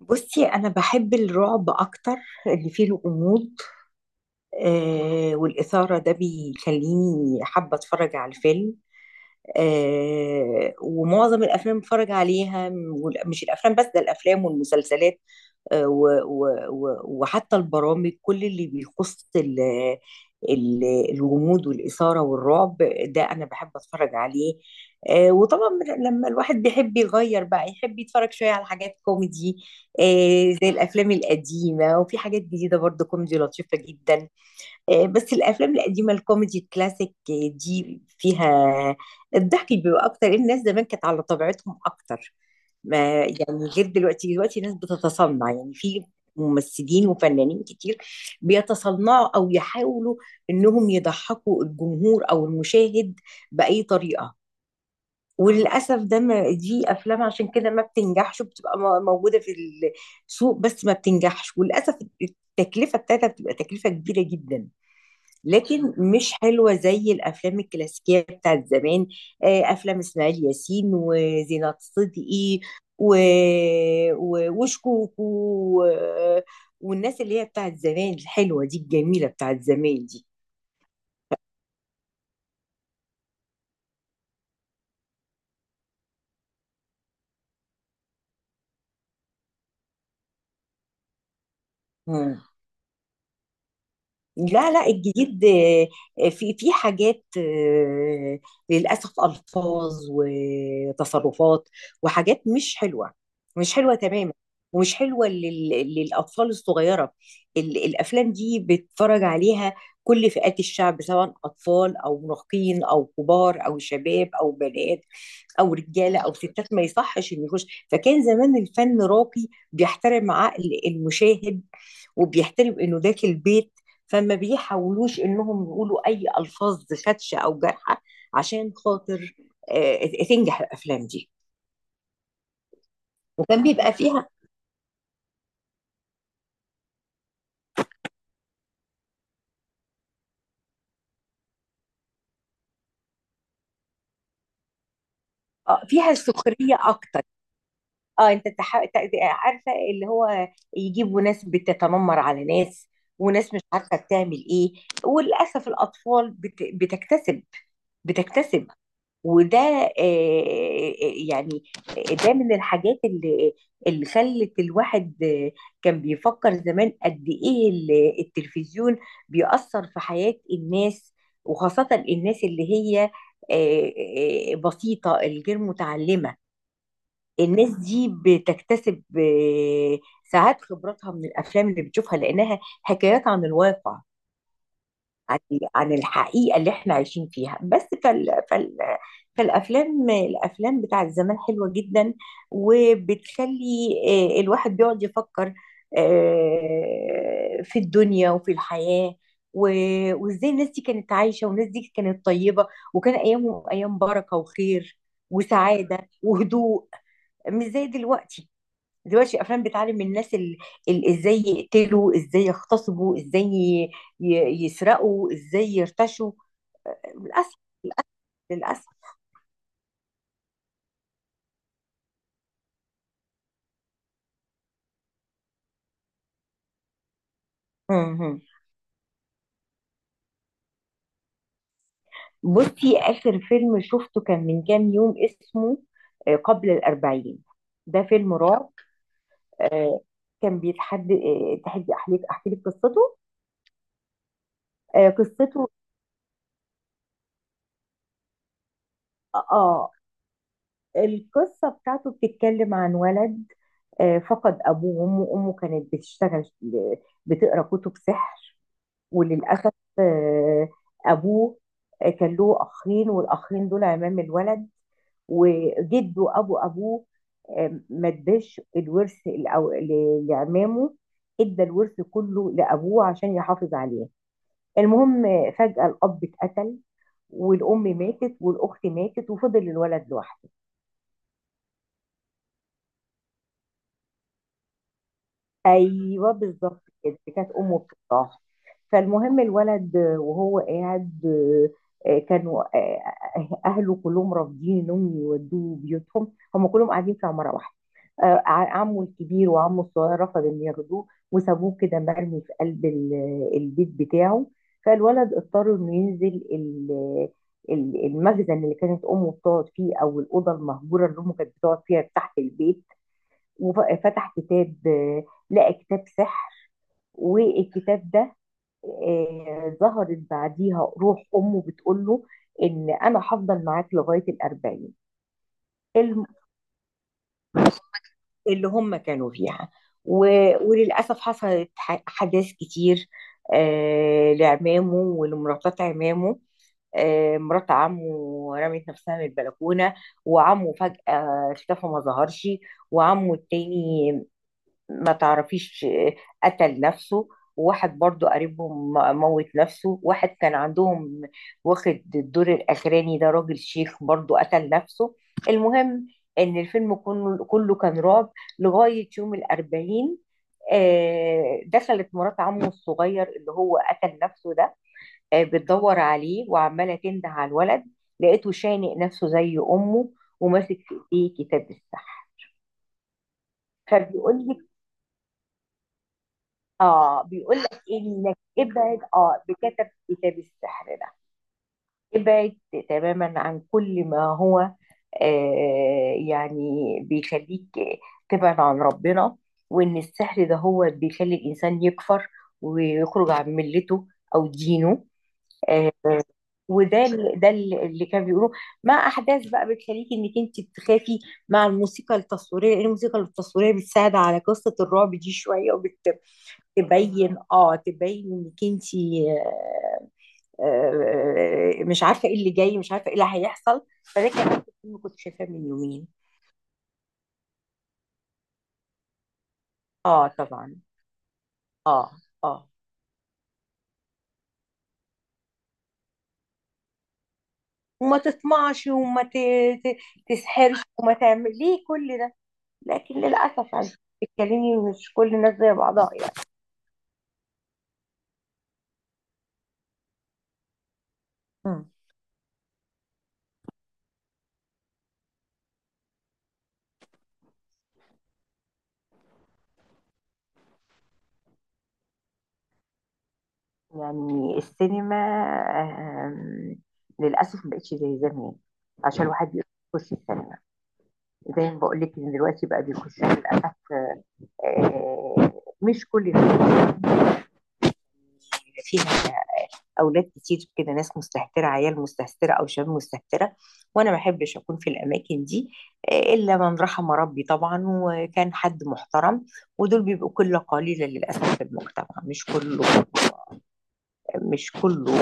بصي، انا بحب الرعب اكتر اللي فيه الغموض والاثاره ده بيخليني حابه اتفرج على الفيلم. ومعظم الافلام بتفرج عليها مش الافلام بس ده الافلام والمسلسلات. وحتى البرامج كل اللي بيخص الغموض والإثارة والرعب ده أنا بحب أتفرج عليه. وطبعا لما الواحد بيحب يغير بقى يحب يتفرج شوية على حاجات كوميدي، آه، زي الأفلام القديمة وفي حاجات جديدة برضه كوميدي لطيفة جدا. بس الافلام القديمه الكوميدي الكلاسيك، دي فيها الضحك بيبقى اكتر، الناس زمان كانت على طبيعتهم اكتر، ما يعني غير دلوقتي. دلوقتي الناس بتتصنع، يعني في ممثلين وفنانين كتير بيتصنعوا او يحاولوا انهم يضحكوا الجمهور او المشاهد باي طريقه. وللاسف ده، ما دي افلام عشان كده ما بتنجحش، بتبقى موجوده في السوق، بس ما بتنجحش وللاسف. التكلفه بتاعتها بتبقى تكلفه كبيره جدا، لكن مش حلوة زي الأفلام الكلاسيكية بتاعت زمان. أفلام إسماعيل ياسين وزينات صدقي و... وشكوكو، و... والناس اللي هي بتاعت زمان الحلوة دي، الجميلة بتاعت زمان دي. لا، لا الجديد، في في حاجات، للأسف ألفاظ وتصرفات وحاجات مش حلوة، مش حلوة تماما، ومش حلوة للأطفال الصغيرة. الأفلام دي بيتفرج عليها كل فئات الشعب، سواء أطفال أو مراهقين أو كبار أو شباب أو بنات أو رجالة أو ستات، ما يصحش إنه يخش. فكان زمان الفن راقي، بيحترم عقل المشاهد وبيحترم انه داخل البيت، فما بيحاولوش انهم يقولوا اي الفاظ خدشه او جارحه عشان خاطر آه، تنجح الافلام دي. وكان بيبقى فيها، فيها سخريه اكتر. اه انت عارفه اللي هو يجيبوا ناس بتتنمر على ناس، وناس مش عارفه بتعمل ايه. وللاسف الاطفال بتكتسب، بتكتسب. وده، آه، يعني، ده من الحاجات اللي خلت الواحد، كان بيفكر زمان قد ايه التلفزيون بيأثر في حياة الناس، وخاصة الناس اللي هي، آه، بسيطة، الغير متعلمة. الناس دي بتكتسب، ساعات خبراتها من الافلام اللي بتشوفها، لانها حكايات عن الواقع، عن عن الحقيقة اللي احنا عايشين فيها. بس فالأفلام، الأفلام بتاعت زمان حلوة جدا، وبتخلي الواحد بيقعد يفكر، في الدنيا وفي الحياة. وازاي الناس دي كانت عايشة، والناس دي كانت طيبة، وكان أيامهم أيام بركة وخير وسعادة وهدوء، مش زي دلوقتي. دلوقتي الافلام بتعلم الناس ازاي يقتلوا، ازاي يغتصبوا، ازاي يسرقوا، ازاي يرتشوا. للاسف، للاسف. مهم. بصي، اخر فيلم شفته كان من كام يوم، اسمه، قبل الاربعين، ده فيلم رعب. آه، كان بيتحدى، تحدي. احكي لك قصته. قصته، اه، القصه بتاعته بتتكلم عن ولد، فقد ابوه وامه. امه كانت بتشتغل، بتقرا كتب سحر. وللأسف، آه، أبوه، كان له أخين، والأخين دول عمام الولد. وجده أبو أبوه، ما اداش الورث لعمامه، ادى الورث كله لأبوه عشان يحافظ عليه. المهم، فجأة الأب اتقتل، والأم ماتت، والأخت ماتت، وفضل الولد لوحده. ايوه بالظبط كده، كانت امه بتطاح. فالمهم الولد وهو قاعد، كانوا، اهله كلهم رافضين انهم يودوه بيوتهم، هم كلهم قاعدين في عماره واحده. عمه الكبير وعمه الصغير رفض ان ياخدوه، وسابوه كده مرمي في قلب البيت بتاعه. فالولد اضطر انه ينزل المخزن اللي كانت امه بتقعد فيه، او الاوضه المهجوره اللي امه كانت بتقعد فيها تحت البيت، وفتح كتاب، لقى كتاب سحر. والكتاب ده، ظهرت بعديها روح امه بتقول له ان انا هفضل معاك لغايه الأربعين. الم- اللي هم كانوا فيها. وللاسف حصلت حداث كتير، لعمامه ولمراتات عمامه. مرات عمه رمت نفسها من البلكونه، وعمه فجاه اختفى ما ظهرش، وعمه التاني، ما تعرفيش، قتل نفسه. وواحد برضو قريبهم موت نفسه، واحد كان عندهم واخد الدور الأخراني ده، راجل شيخ، برضو قتل نفسه. المهم إن الفيلم كله كان رعب لغاية يوم الأربعين. دخلت مرات عمه الصغير اللي هو قتل نفسه ده، بتدور عليه وعمالة تنده على الولد، لقيته شانق نفسه زي أمه، وماسك في إيديه كتاب السحر. فبيقول لي، اه بيقول لك انك ابعد، اه بكتب كتاب السحر ده، ابعد تماما عن كل ما هو يعني بيخليك تبعد عن ربنا. وان السحر ده هو بيخلي الانسان يكفر ويخرج عن ملته او دينه. آه وده اللي كان بيقولوه، مع احداث بقى بتخليكي انك انت تخافي، مع الموسيقى التصويريه، لان الموسيقى التصويريه بتساعد على قصه الرعب دي شويه، تبين، اه تبين انك انت، آه، مش عارفه ايه اللي جاي، مش عارفه ايه اللي هيحصل. فده كمان فيلم كنت شايفاه من يومين. اه طبعا. اه اه. وما تطمعش، وما ت... تسحرش، وما تعمل ليه كل ده. لكن للاسف يعني، بتتكلمي مش كل الناس زي بعضها يعني. مم. يعني السينما، آم، للاسف ما بقتش زي زمان، عشان الواحد بيخش السينما، زي ما بقول لك ان دلوقتي بقى بيخش، للاسف، آه، مش كل الناس فيها، اولاد كتير كده، ناس مستهتره، عيال مستهتره، او شباب مستهتره. وانا ما احبش اكون في الاماكن دي، الا من رحم ربي طبعا، وكان حد محترم، ودول بيبقوا قله قليله للاسف في المجتمع، مش كله، مش كله.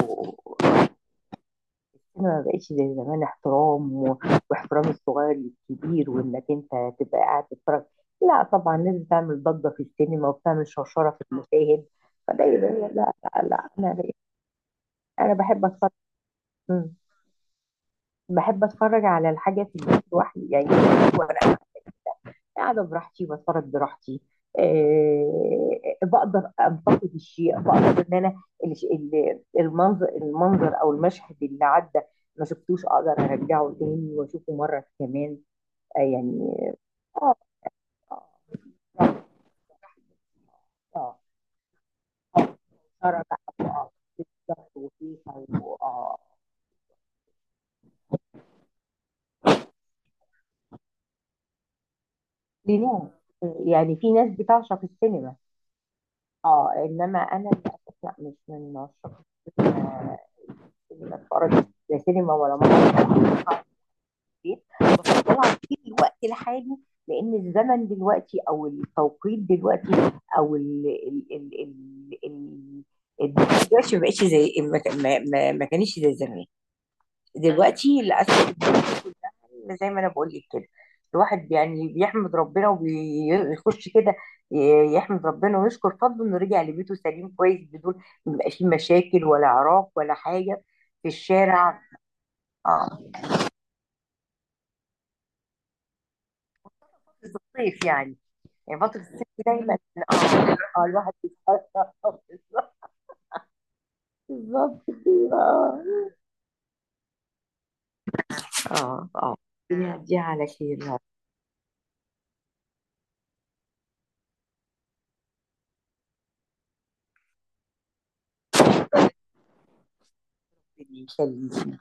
انا ما بقتش زي زمان احترام واحترام الصغير للكبير، وانك انت تبقى قاعد تتفرج، لا طبعا لازم تعمل ضجه في السينما، وبتعمل شرشره في المشاهد. فده يبقى لا لا، لا، انا بحب اتفرج. مم. بحب اتفرج على الحاجه في البيت لوحدي، يعني وانا قاعده براحتي، بتفرج براحتي، بقدر انتقد الشيء، بقدر ان انا المنظر، المنظر او المشهد اللي عدى ما شفتوش، اقدر ارجعه تاني واشوفه مره كمان، يعني. اه اه اه اه. اتفرج ضغط وفيها، اه، لناس يعني. في ناس بتعشق السينما، اه، انما انا للاسف لا، مش من عشاق السينما. السينما اتفرج، لا سينما ولا مسرح، البيت بفضلها في الوقت الحالي، لان الزمن دلوقتي او التوقيت دلوقتي، او ال ال ال ال ال دلوقتي ما بقتش زي ما ما كانش زي زمان. دلوقتي للاسف الدنيا كلها زي ما انا بقول لك كده، الواحد يعني بيحمد ربنا وبيخش كده، يحمد ربنا ويشكر فضله انه رجع لبيته سليم كويس، بدون ما يبقاش فيه مشاكل ولا عراك ولا حاجه في الشارع. اه، في الصيف يعني، يعني فترة الصيف دي دايما. اه، الواحد بيتفرق. بالظبط كده. اه. دي على خير يا رب. يخليكي.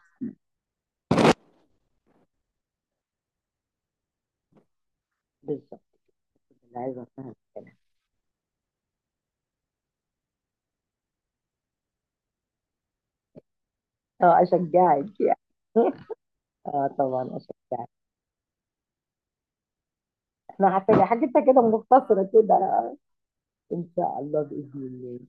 بالظبط. اللي عايزة افهم كده. اه اشجعك يعني. اه طبعا اشجعك. احنا عارفين حاجتها كده مختصرة كده. ان شاء الله بإذن الله.